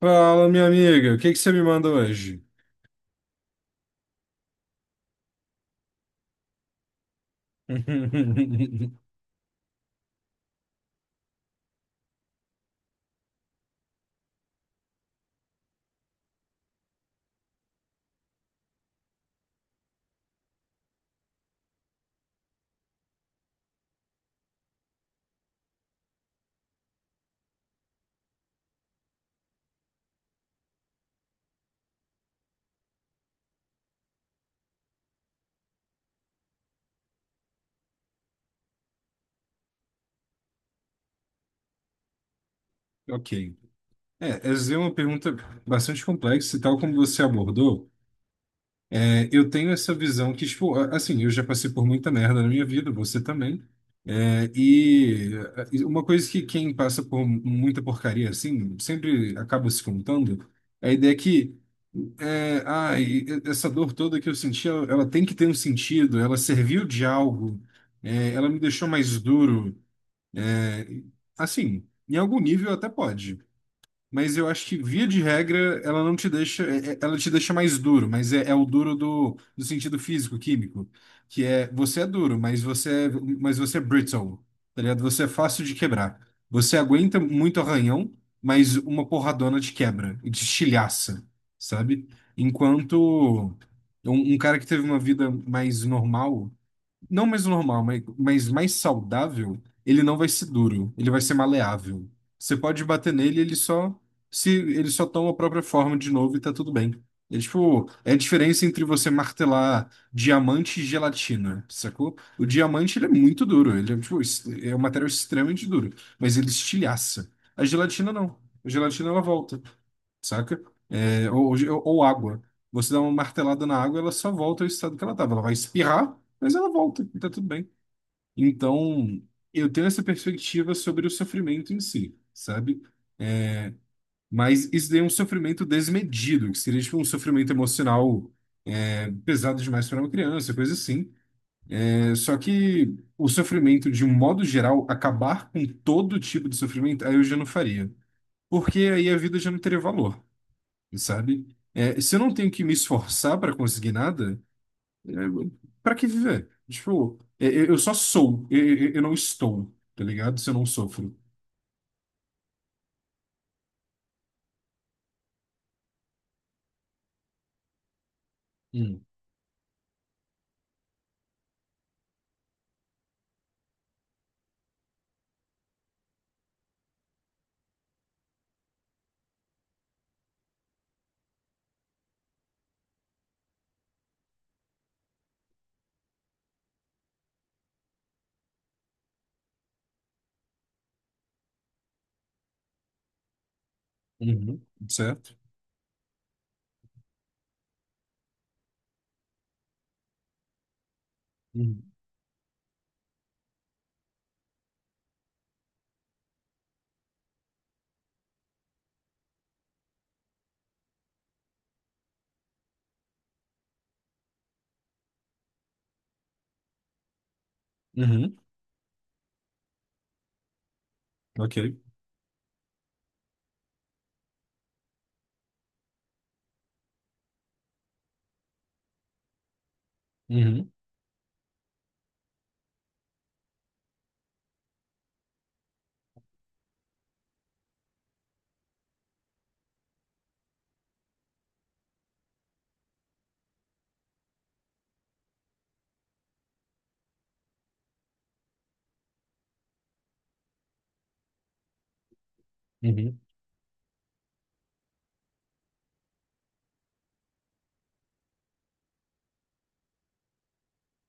Fala, minha amiga, o que que você me manda hoje? Ok. É, essa é uma pergunta bastante complexa e tal como você abordou. É, eu tenho essa visão que, tipo, assim, eu já passei por muita merda na minha vida, você também. É, e e uma coisa que quem passa por muita porcaria, assim, sempre acaba se contando, é a ideia que, é, ai, essa dor toda que eu senti, ela tem que ter um sentido, ela serviu de algo, é, ela me deixou mais duro. É, assim, em algum nível até pode, mas eu acho que via de regra ela não te deixa, ela te deixa mais duro, mas é, é o duro do, do sentido físico-químico, que é você é duro, mas você é brittle, tá ligado? Você é fácil de quebrar. Você aguenta muito arranhão, mas uma porradona te quebra e te estilhaça, sabe? Enquanto um cara que teve uma vida mais normal, não mais normal, mas mais saudável, ele não vai ser duro, ele vai ser maleável. Você pode bater nele, ele só se ele só toma a própria forma de novo e tá tudo bem. É tipo, é a diferença entre você martelar diamante e gelatina, sacou? O diamante ele é muito duro, ele é tipo, é um material extremamente duro, mas ele estilhaça. A gelatina não. A gelatina ela volta, saca? É, ou água. Você dá uma martelada na água, ela só volta ao estado que ela estava. Ela vai espirrar, mas ela volta, e tá tudo bem. Então, eu tenho essa perspectiva sobre o sofrimento em si, sabe? É, mas isso daí é um sofrimento desmedido, que seria tipo um sofrimento emocional, pesado demais para uma criança, coisa assim. É, só que o sofrimento, de um modo geral, acabar com todo tipo de sofrimento, aí eu já não faria. Porque aí a vida já não teria valor, sabe? É, se eu não tenho que me esforçar para conseguir nada, é, para que viver? Tipo, eu só sou, eu não estou, tá ligado? Se eu não sofro. Hum, uhum, certo? Uhum, uhum, ok. Uhum, uhum,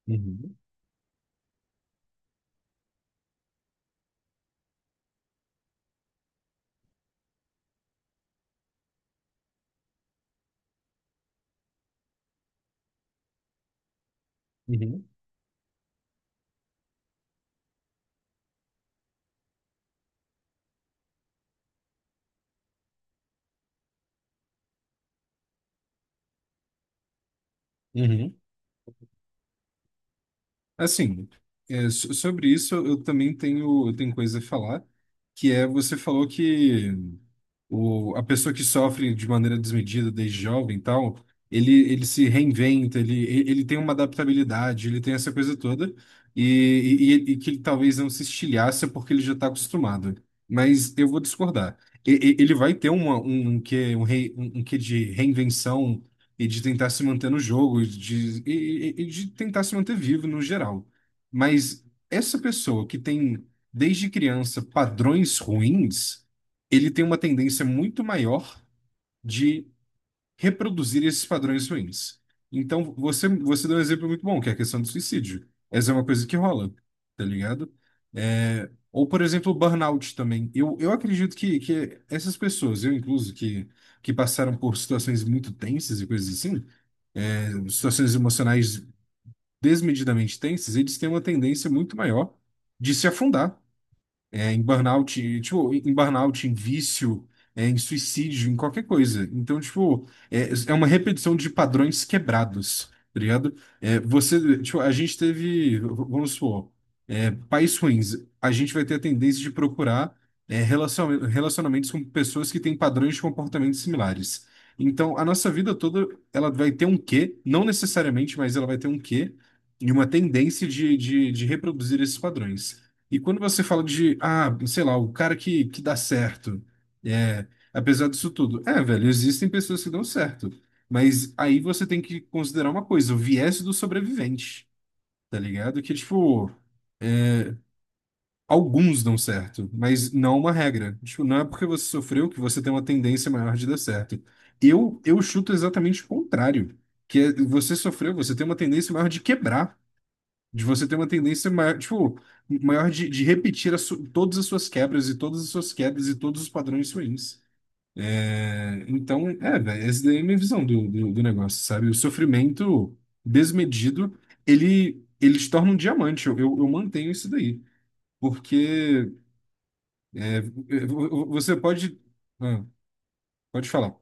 uhum, uhum, uhum. Assim, é, sobre isso eu também tenho, eu tenho coisa a falar, que é, você falou que o, a pessoa que sofre de maneira desmedida desde jovem e tal, ele se reinventa, ele tem uma adaptabilidade, ele tem essa coisa toda, e, que ele talvez não se estilhaça porque ele já está acostumado. Mas eu vou discordar. Ele vai ter uma, um quê, um, um, um quê de reinvenção e de tentar se manter no jogo, e de, e de tentar se manter vivo no geral. Mas essa pessoa que tem, desde criança, padrões ruins, ele tem uma tendência muito maior de reproduzir esses padrões ruins. Então, você deu um exemplo muito bom, que é a questão do suicídio. Essa é uma coisa que rola, tá ligado? É, ou, por exemplo, o burnout também. Eu acredito que essas pessoas, eu incluso, que passaram por situações muito tensas e coisas assim, situações emocionais desmedidamente tensas, eles têm uma tendência muito maior de se afundar, é, em burnout, tipo, em burnout, em vício, é, em suicídio, em qualquer coisa. Então, tipo, é, é uma repetição de padrões quebrados, tá ligado? É, você, tipo, a gente teve, vamos supor, é, pais ruins, a gente vai ter a tendência de procurar, é, relacionamentos com pessoas que têm padrões de comportamento similares. Então, a nossa vida toda, ela vai ter um quê, não necessariamente, mas ela vai ter um quê, e uma tendência de reproduzir esses padrões. E quando você fala de, ah, sei lá, o cara que dá certo, é, apesar disso tudo, é, velho, existem pessoas que dão certo, mas aí você tem que considerar uma coisa, o viés do sobrevivente, tá ligado? Que, tipo, alguns dão certo, mas não é uma regra. Tipo, não é porque você sofreu que você tem uma tendência maior de dar certo. Eu chuto exatamente o contrário, que é, você sofreu, você tem uma tendência maior de quebrar. De você ter uma tendência maior, tipo, maior de repetir todas as suas quebras e todas as suas quedas e todos os padrões ruins. É, então, é, velho, essa daí é a minha visão do, do, do negócio, sabe? O sofrimento desmedido, ele te torna um diamante. Eu mantenho isso daí. Porque é, é, você pode. Ah, pode falar.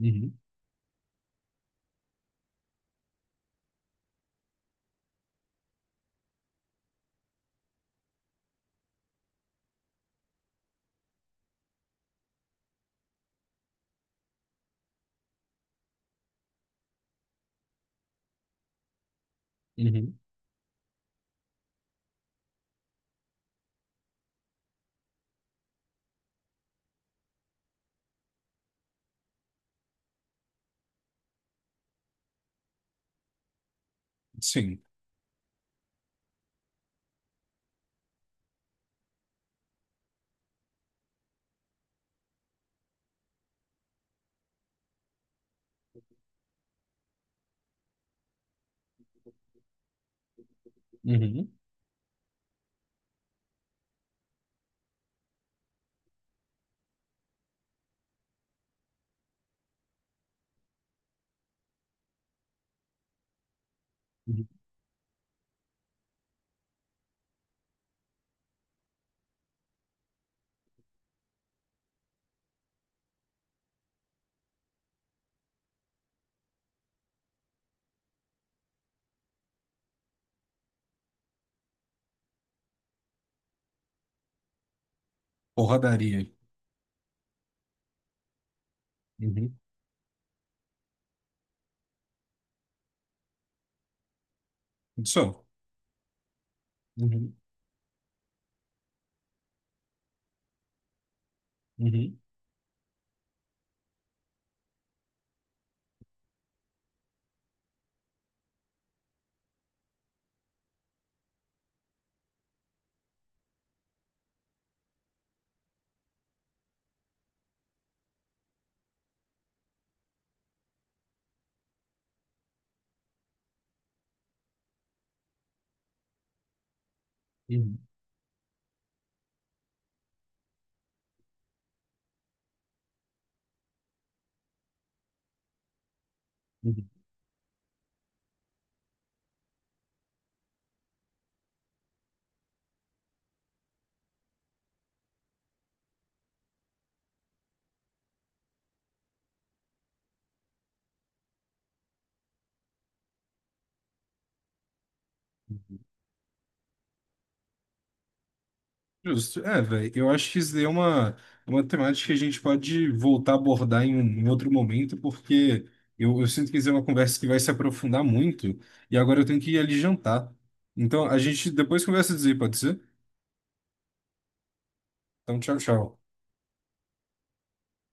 Uhum, uhum, sim. Uhum, uhum, porradaria. Uhum, só. Uhum, uhum, uhum, uhum. Justo. É, velho, eu acho que isso daí é uma temática que a gente pode voltar a abordar em, um, em outro momento, porque eu sinto que isso é uma conversa que vai se aprofundar muito, e agora eu tenho que ir ali jantar. Então, a gente depois conversa disso aí, pode ser? Então, tchau, tchau.